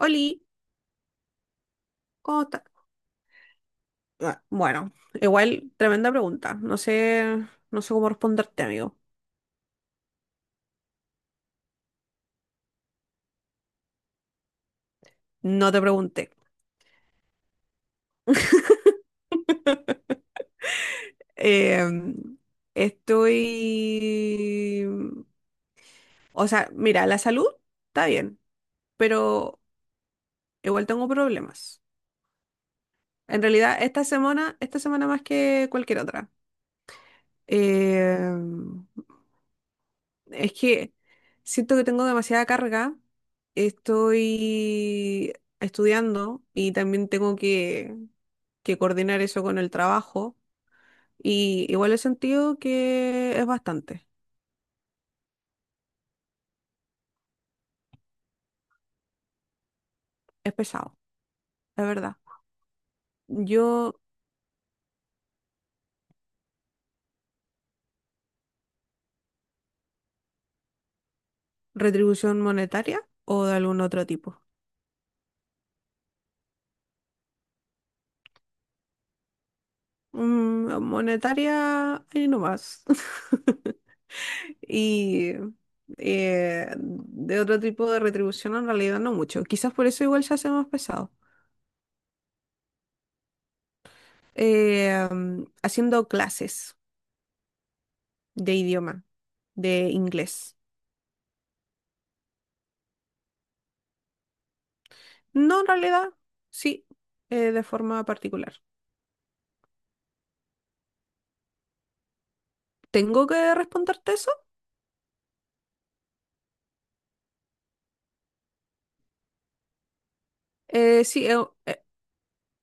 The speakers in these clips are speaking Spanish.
Oli, cómo ta- bueno, igual tremenda pregunta. No sé, no sé cómo responderte, amigo. No te pregunté. Em, estoy... O sea, mira, la salud está bien, pero igual tengo problemas. En realidad, esta semana más que cualquier otra. Em, Es que siento que tengo demasiada carga. Estoy estudiando y también tengo que coordinar eso con el trabajo. Y igual he sentido que es bastante, es pesado, es verdad. Yo, retribución monetaria o de algún otro tipo. Mm, monetaria, ahí nomás. Y de otro tipo de retribución en realidad no mucho. Quizás por eso igual se hace más pesado. Haciendo clases de idioma, de inglés. No, en realidad, sí, de forma particular. ¿Tengo que responderte eso? Sí, eh,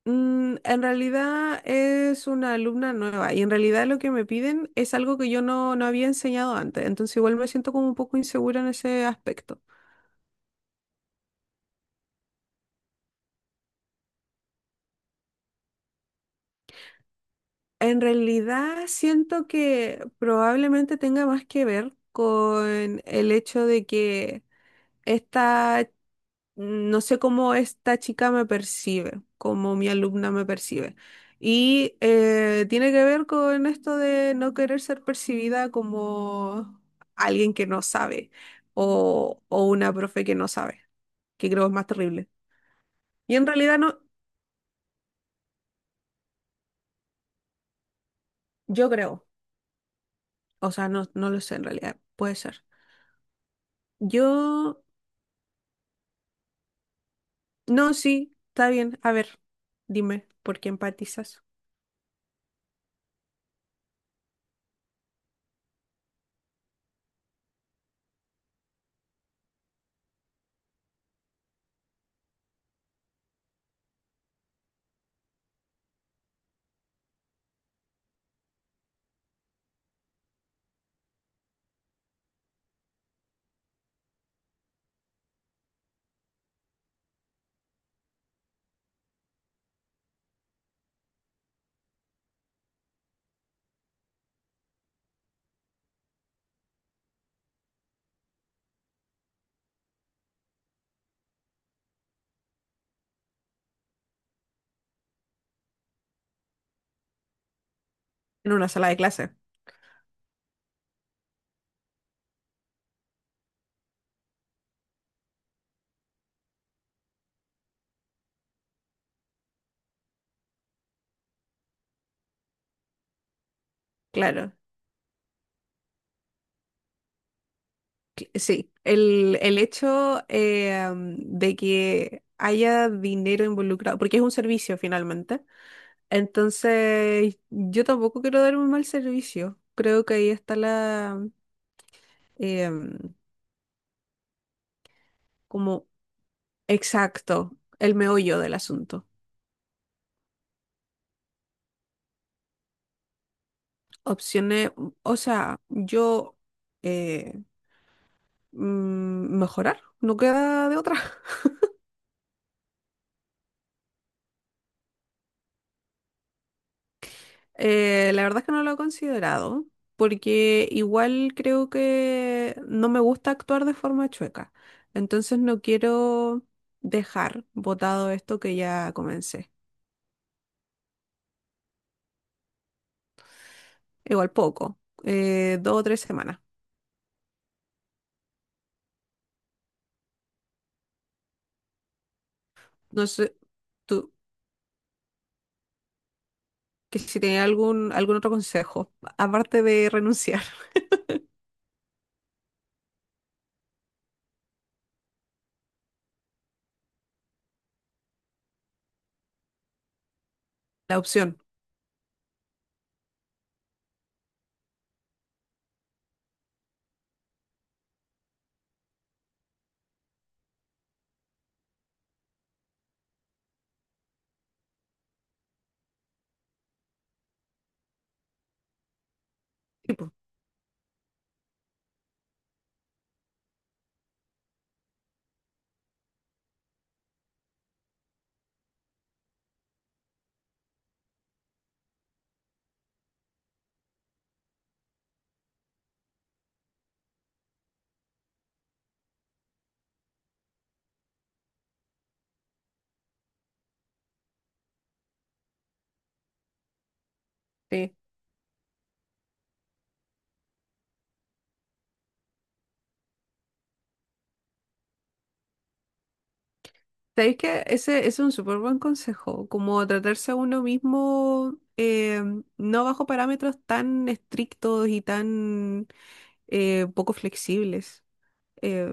en realidad es una alumna nueva y en realidad lo que me piden es algo que yo no había enseñado antes, entonces igual me siento como un poco insegura en ese aspecto. En realidad siento que probablemente tenga más que ver con el hecho de que esta no sé cómo esta chica me percibe, cómo mi alumna me percibe. Y tiene que ver con esto de no querer ser percibida como alguien que no sabe o una profe que no sabe, que creo es más terrible. Y en realidad no, yo creo, o sea, no, no lo sé en realidad, puede ser. Yo, no, sí, está bien. A ver, dime, ¿por qué empatizas? En una sala de clase, claro. Sí, el hecho de que haya dinero involucrado, porque es un servicio finalmente, entonces yo tampoco quiero dar un mal servicio. Creo que ahí está la, am, como exacto, el meollo del asunto. Opciones, o sea, eh, mejorar, no queda de otra. La verdad es que no lo he considerado, porque igual creo que no me gusta actuar de forma chueca. Entonces no quiero dejar botado esto que ya comencé. Igual poco, dos o tres semanas. No sé, tú, que si tenía algún otro consejo, aparte de renunciar. La opción. Tipo, sí, ¿sabéis que ese es un súper buen consejo? Como tratarse a uno mismo, no bajo parámetros tan estrictos y tan poco flexibles. Eh,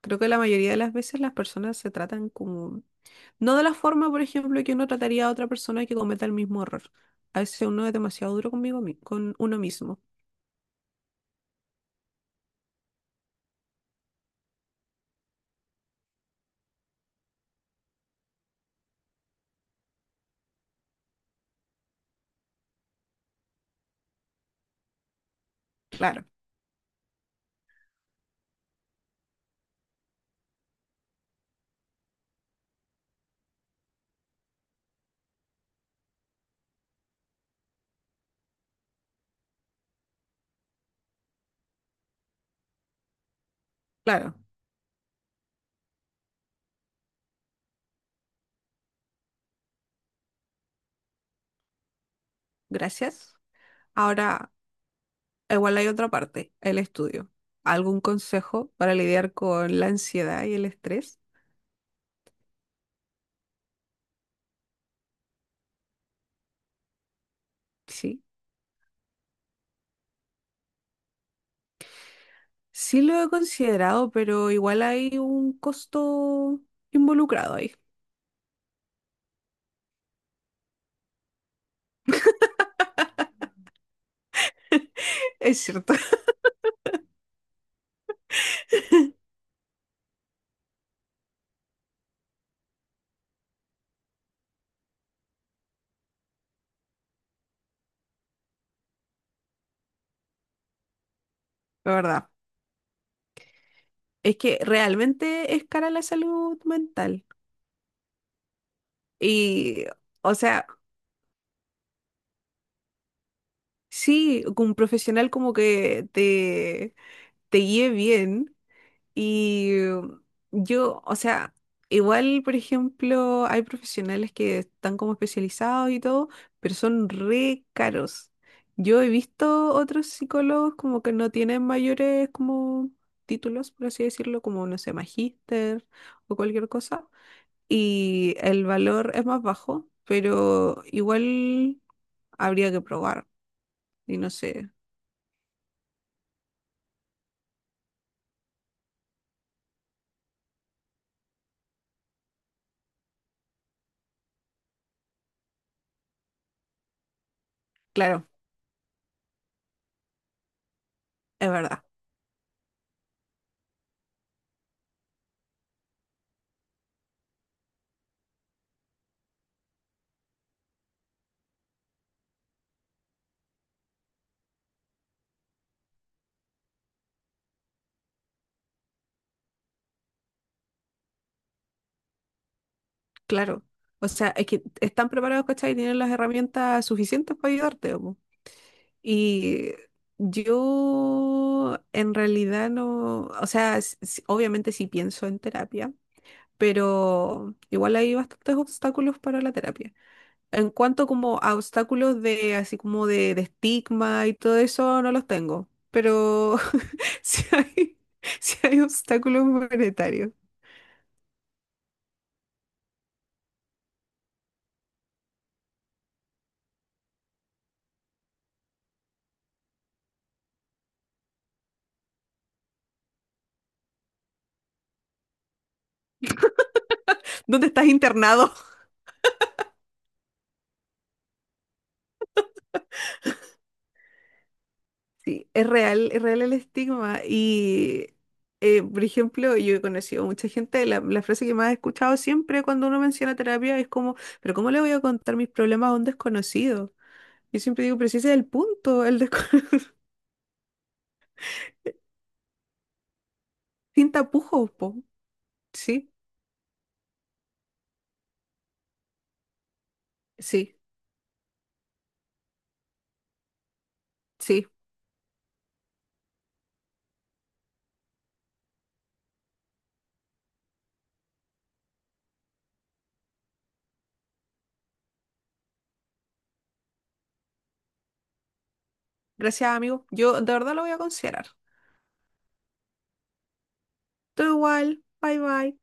Creo que la mayoría de las veces las personas se tratan como... No de la forma, por ejemplo, que uno trataría a otra persona que cometa el mismo error. A veces uno es demasiado duro conmigo, con uno mismo. Claro, claro. Gracias. Ahora, igual hay otra parte, el estudio. ¿Algún consejo para lidiar con la ansiedad y el estrés? Sí, sí lo he considerado, pero igual hay un costo involucrado ahí. Es cierto, la verdad. Es que realmente es cara la salud mental. Y, o sea, sí, que un profesional como que te guíe bien. Y yo, o sea, igual, por ejemplo, hay profesionales que están como especializados y todo, pero son re caros. Yo he visto otros psicólogos como que no tienen mayores como títulos, por así decirlo, como, no sé, magíster o cualquier cosa, y el valor es más bajo, pero igual habría que probar, y no sé, claro, es verdad. Claro, o sea, es que están preparados, ¿cachai? Y tienen las herramientas suficientes para ayudarte, po. Y yo en realidad no, o sea, obviamente sí pienso en terapia, pero igual hay bastantes obstáculos para la terapia. En cuanto como a obstáculos de así como de estigma y todo eso, no los tengo, pero si hay, si hay obstáculos monetarios. ¿Dónde estás internado? Sí, es real el estigma. Y, por ejemplo, yo he conocido mucha gente, la frase que más he escuchado siempre cuando uno menciona terapia es como, pero ¿cómo le voy a contar mis problemas a un desconocido? Yo siempre digo, pero si ese es el punto, el desconocido, sin tapujos, po". Sí, sí, sí. Gracias, amigo. Yo de verdad lo voy a considerar. Todo igual. Bye, bye.